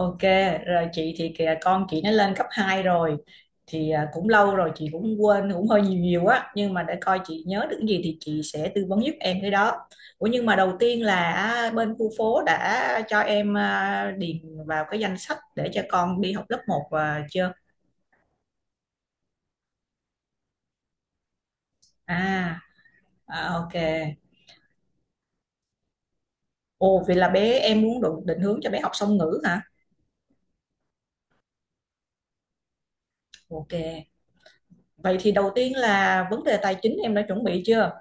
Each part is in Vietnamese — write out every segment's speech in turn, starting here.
Ok, rồi chị thì kìa con chị nó lên cấp 2 rồi thì cũng lâu rồi, chị cũng quên, cũng hơi nhiều nhiều á, nhưng mà để coi chị nhớ được cái gì thì chị sẽ tư vấn giúp em cái đó. Ủa, nhưng mà đầu tiên là bên khu phố đã cho em điền vào cái danh sách để cho con đi học lớp một và chưa? À, à, ok. Ồ, vậy là bé em muốn định hướng cho bé học song ngữ hả? Ok. Vậy thì đầu tiên là vấn đề tài chính em đã chuẩn bị chưa?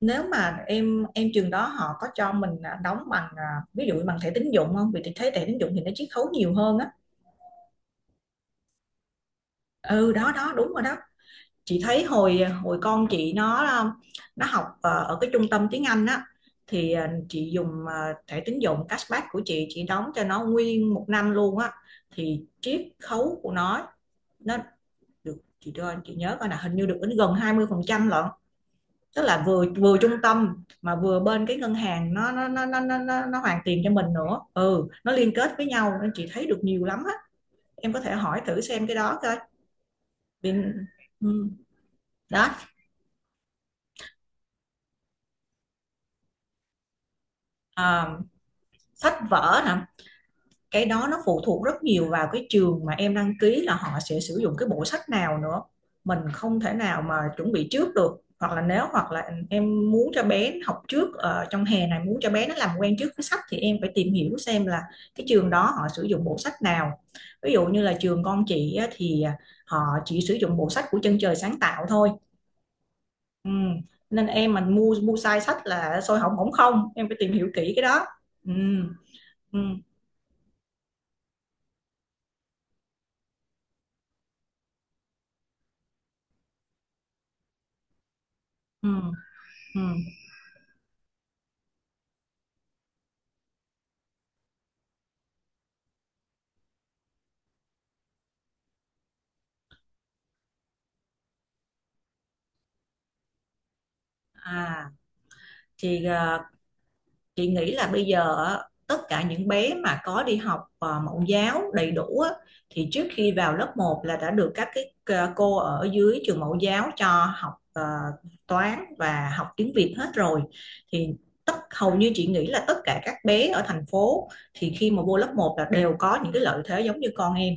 Nếu mà em trường đó họ có cho mình đóng bằng ví dụ bằng thẻ tín dụng không, vì chị thấy thẻ tín dụng thì nó chiết khấu nhiều hơn á. Ừ, đó đó, đúng rồi đó. Chị thấy hồi hồi con chị nó nó học ở cái trung tâm tiếng Anh á, thì chị dùng thẻ tín dụng cashback của chị đóng cho nó nguyên một năm luôn á, thì chiết khấu của nó được, chị cho chị nhớ coi, là hình như được đến gần 20% lận. Tức là vừa vừa trung tâm mà vừa bên cái ngân hàng, nó hoàn tiền cho mình nữa. Ừ, nó liên kết với nhau nên chị thấy được nhiều lắm á. Em có thể hỏi thử xem cái đó coi. Vì- ừ, đó. à, sách vở nè, cái đó nó phụ thuộc rất nhiều vào cái trường mà em đăng ký là họ sẽ sử dụng cái bộ sách nào nữa, mình không thể nào mà chuẩn bị trước được. Hoặc là em muốn cho bé học trước, trong hè này muốn cho bé nó làm quen trước với sách, thì em phải tìm hiểu xem là cái trường đó họ sử dụng bộ sách nào. Ví dụ như là trường con chị á, thì họ chỉ sử dụng bộ sách của Chân Trời Sáng Tạo thôi. Ừ. Nên em mà mua mua sai sách là xôi hỏng bỏng không, em phải tìm hiểu kỹ cái đó. Ừ. Ừ. Ừ. Ừ. À thì chị nghĩ là bây giờ á, tất cả những bé mà có đi học mẫu giáo đầy đủ á, thì trước khi vào lớp một là đã được các cái cô ở dưới trường mẫu giáo cho học toán và học tiếng Việt hết rồi. Thì hầu như chị nghĩ là tất cả các bé ở thành phố, thì khi mà vô lớp một là đều có những cái lợi thế giống như con em.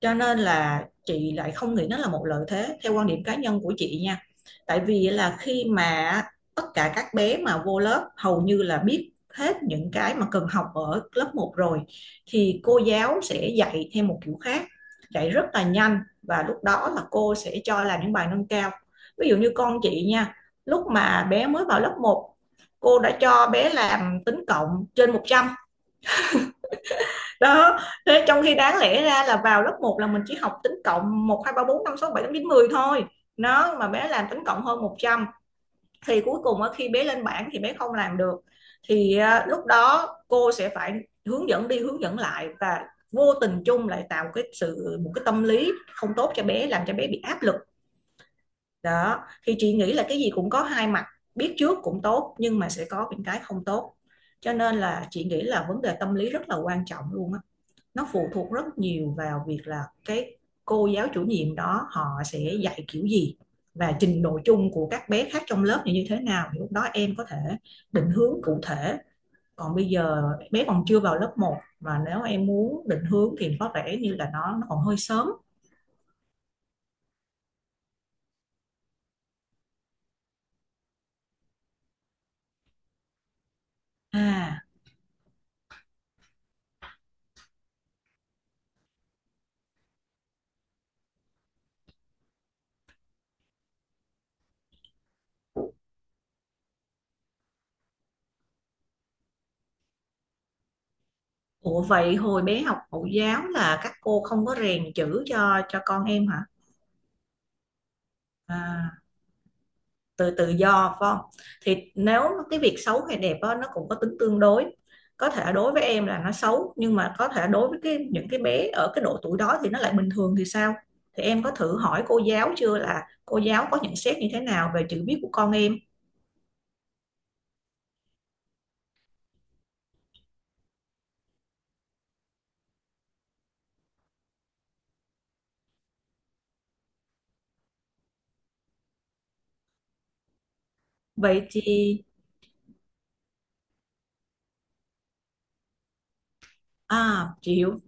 Cho nên là chị lại không nghĩ nó là một lợi thế theo quan điểm cá nhân của chị nha. Tại vì là khi mà tất cả các bé mà vô lớp hầu như là biết hết những cái mà cần học ở lớp một rồi, thì cô giáo sẽ dạy theo một kiểu khác, dạy rất là nhanh, và lúc đó là cô sẽ cho làm những bài nâng cao. Ví dụ như con chị nha, lúc mà bé mới vào lớp một, cô đã cho bé làm tính cộng trên 100. Đó, thế trong khi đáng lẽ ra là vào lớp một là mình chỉ học tính cộng một, hai, ba, bốn, năm, sáu, bảy, tám, chín, mười thôi. Nó mà bé làm tính cộng hơn 100 thì cuối cùng ở khi bé lên bảng thì bé không làm được. Thì lúc đó cô sẽ phải hướng dẫn đi hướng dẫn lại, và vô tình chung lại tạo cái sự một cái tâm lý không tốt cho bé, làm cho bé bị áp lực đó. Thì chị nghĩ là cái gì cũng có hai mặt, biết trước cũng tốt nhưng mà sẽ có những cái không tốt. Cho nên là chị nghĩ là vấn đề tâm lý rất là quan trọng luôn á. Nó phụ thuộc rất nhiều vào việc là cái cô giáo chủ nhiệm đó họ sẽ dạy kiểu gì, và trình độ chung của các bé khác trong lớp như thế nào, thì lúc đó em có thể định hướng cụ thể. Còn bây giờ bé còn chưa vào lớp một mà nếu em muốn định hướng thì có vẻ như là nó còn hơi sớm. à Ủa, vậy hồi bé học mẫu giáo là các cô không có rèn chữ cho con em hả? à, tự tự do phải không? Thì nếu cái việc xấu hay đẹp đó, nó cũng có tính tương đối. Có thể đối với em là nó xấu nhưng mà có thể đối với cái những cái bé ở cái độ tuổi đó thì nó lại bình thường thì sao. Thì em có thử hỏi cô giáo chưa là cô giáo có nhận xét như thế nào về chữ viết của con em? Vậy thì chị hiểu,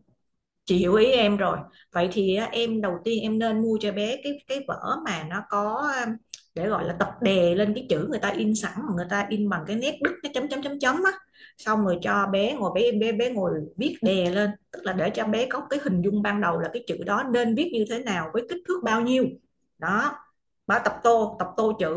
chị hiểu ý em rồi. Vậy thì á, em đầu tiên em nên mua cho bé cái vở mà nó có, để gọi là tập đè lên cái chữ người ta in sẵn, mà người ta in bằng cái nét đứt cái chấm chấm chấm chấm á. Xong rồi cho bé ngồi, bé bé bé ngồi viết đè lên, tức là để cho bé có cái hình dung ban đầu là cái chữ đó nên viết như thế nào với kích thước bao nhiêu. Đó, bà tập tô, tập tô chữ.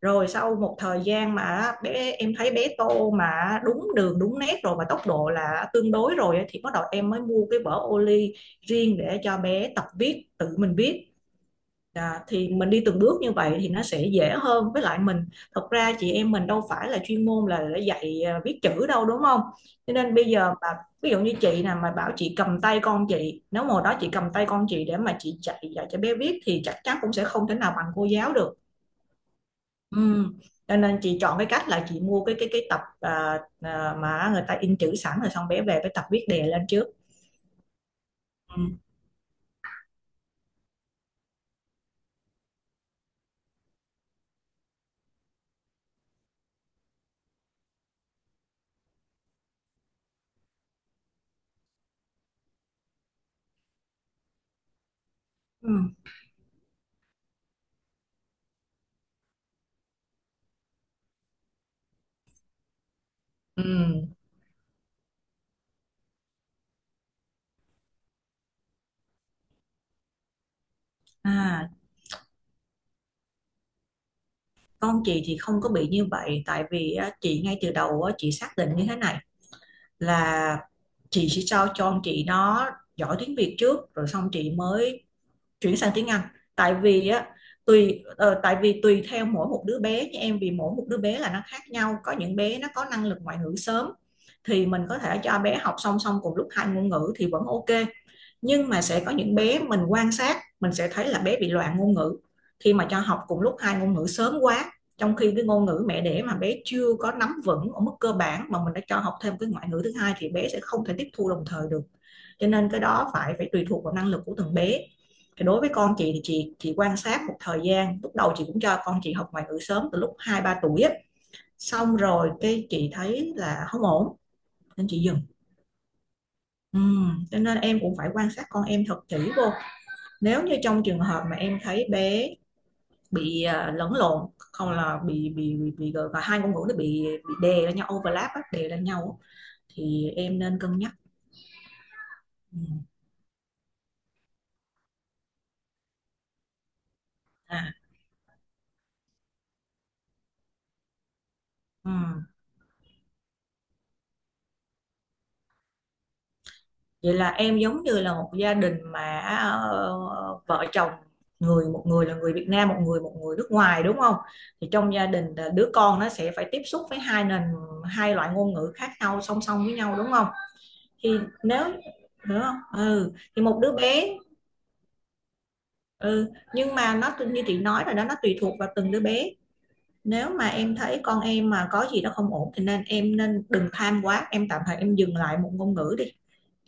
Rồi sau một thời gian mà bé em thấy bé tô mà đúng đường đúng nét rồi và tốc độ là tương đối rồi á, thì bắt đầu em mới mua cái vở ô ly riêng để cho bé tập viết, tự mình viết. À, thì mình đi từng bước như vậy thì nó sẽ dễ hơn, với lại mình, thật ra chị em mình đâu phải là chuyên môn là để dạy viết chữ đâu đúng không. Cho nên bây giờ mà ví dụ như chị nè, mà bảo chị cầm tay con chị, nếu mà hồi đó chị cầm tay con chị để mà chị dạy dạy cho bé viết thì chắc chắn cũng sẽ không thể nào bằng cô giáo được. Ừ. Cho nên chị chọn cái cách là chị mua cái tập mà người ta in chữ sẵn, rồi xong bé về với tập viết đề lên trước. Ừ. Ừ. Ừ. À, con chị thì không có bị như vậy, tại vì á, chị ngay từ đầu á, chị xác định như thế này là chị sẽ cho con chị nó giỏi tiếng Việt trước rồi xong chị mới chuyển sang tiếng Anh. Tại vì á, tại vì tùy theo mỗi một đứa bé như em, vì mỗi một đứa bé là nó khác nhau, có những bé nó có năng lực ngoại ngữ sớm, thì mình có thể cho bé học song song cùng lúc hai ngôn ngữ thì vẫn ok. Nhưng mà sẽ có những bé mình quan sát mình sẽ thấy là bé bị loạn ngôn ngữ khi mà cho học cùng lúc hai ngôn ngữ sớm quá. Trong khi cái ngôn ngữ mẹ đẻ mà bé chưa có nắm vững ở mức cơ bản mà mình đã cho học thêm cái ngoại ngữ thứ hai thì bé sẽ không thể tiếp thu đồng thời được. Cho nên cái đó phải phải tùy thuộc vào năng lực của từng bé. Thì đối với con chị thì chị quan sát một thời gian, lúc đầu chị cũng cho con chị học ngoại ngữ sớm từ lúc 2 3 tuổi á. Xong rồi cái chị thấy là không ổn nên chị dừng. Ừ. Cho nên em cũng phải quan sát con em thật kỹ vô, nếu như trong trường hợp mà em thấy bé bị lẫn lộn, không, là bị gọi hai ngôn ngữ nó bị đè lên nhau, overlap á, đè lên nhau á, thì em nên cân nhắc. Ừ. À, ừ. Vậy là em giống như là một gia đình mà ờ, vợ chồng, một người là người Việt Nam, một người nước ngoài, đúng không? Thì trong gia đình là đứa con nó sẽ phải tiếp xúc với hai loại ngôn ngữ khác nhau song song với nhau, đúng không? Thì nếu đúng không? Ừ, thì một đứa bé. Ừ, nhưng mà nó như chị nói rồi đó, nó tùy thuộc vào từng đứa bé. Nếu mà em thấy con em mà có gì đó không ổn thì em nên đừng tham quá, em tạm thời em dừng lại một ngôn ngữ đi.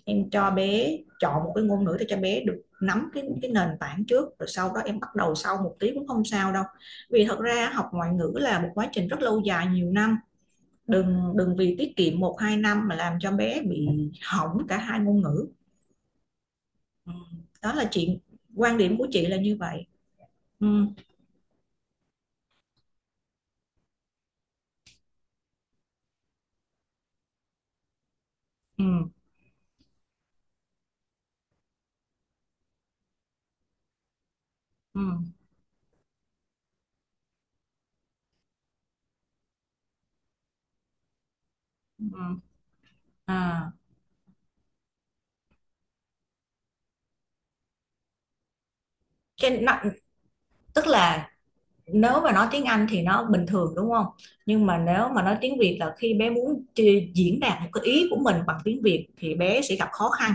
Em cho bé chọn một cái ngôn ngữ để cho bé được nắm cái nền tảng trước, rồi sau đó em bắt đầu sau một tí cũng không sao đâu. Vì thật ra học ngoại ngữ là một quá trình rất lâu dài nhiều năm, đừng đừng vì tiết kiệm một hai năm mà làm cho bé bị hỏng cả hai ngôn ngữ. Ừ. Đó là chuyện, quan điểm của chị là như vậy. Ừ. Ừ. Ừ. Ừ. À, cái nó, tức là nếu mà nói tiếng Anh thì nó bình thường đúng không? Nhưng mà nếu mà nói tiếng Việt là khi bé muốn diễn đạt một cái ý của mình bằng tiếng Việt thì bé sẽ gặp khó khăn.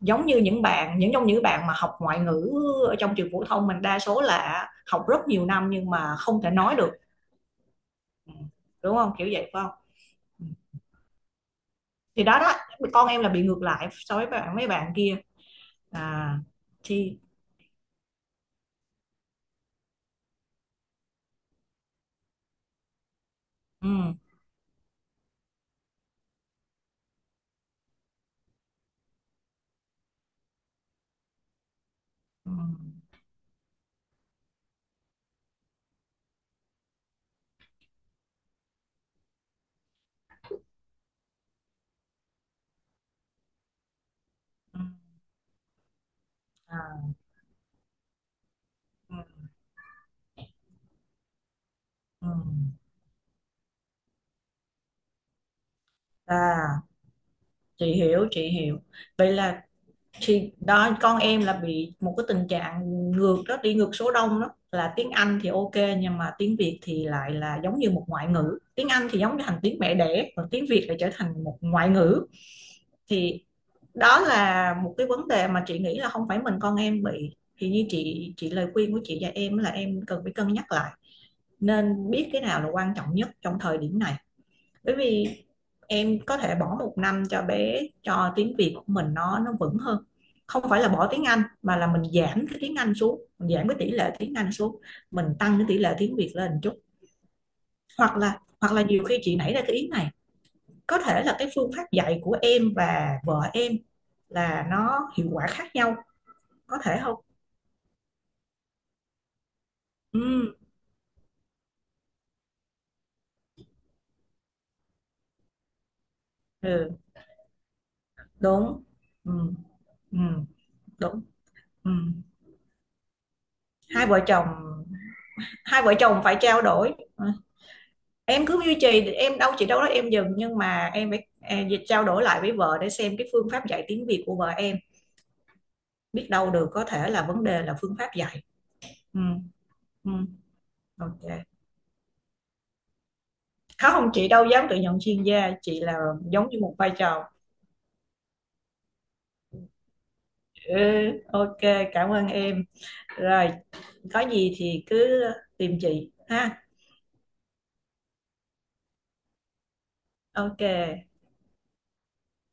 Giống như những bạn, những trong những bạn mà học ngoại ngữ ở trong trường phổ thông mình, đa số là học rất nhiều năm nhưng mà không thể nói được. Ừ. Đúng không? Kiểu vậy phải không? Ừ. Thì đó đó, con em là bị ngược lại so với mấy bạn kia. À thì ừ ừ ừ à, ừ ừ à chị hiểu, chị hiểu. Vậy là chị đó, con em là bị một cái tình trạng ngược đó, đi ngược số đông đó, là tiếng Anh thì ok, nhưng mà tiếng Việt thì lại là giống như một ngoại ngữ. Tiếng Anh thì giống như thành tiếng mẹ đẻ, còn tiếng Việt lại trở thành một ngoại ngữ. Thì đó là một cái vấn đề mà chị nghĩ là không phải mình con em bị. Thì như chị, lời khuyên của chị và em là em cần phải cân nhắc lại. Nên biết cái nào là quan trọng nhất trong thời điểm này. Bởi vì em có thể bỏ một năm cho bé, cho tiếng Việt của mình nó vững hơn. Không phải là bỏ tiếng Anh mà là mình giảm cái tiếng Anh xuống, mình giảm cái tỷ lệ tiếng Anh xuống. Mình tăng cái tỷ lệ tiếng Việt lên một chút. Hoặc là nhiều khi chị nảy ra cái ý này, có thể là cái phương pháp dạy của em và vợ em là nó hiệu quả khác nhau, có thể không? Ừ, ừ, đúng. Ừ, ừ, đúng. Ừ. hai vợ chồng Hai vợ chồng phải trao đổi. Ừ, em cứ duy trì, em đâu chị đâu đó em dừng, nhưng mà em phải trao đổi lại với vợ để xem cái phương pháp dạy tiếng Việt của vợ em. Biết đâu được, có thể là vấn đề là phương pháp dạy. Ừ, ừ, ok. Không, chị đâu dám tự nhận chuyên gia, chị là giống như một vai trò. Ừ, ok, cảm ơn em. Rồi, có gì thì cứ tìm chị ha. Ok.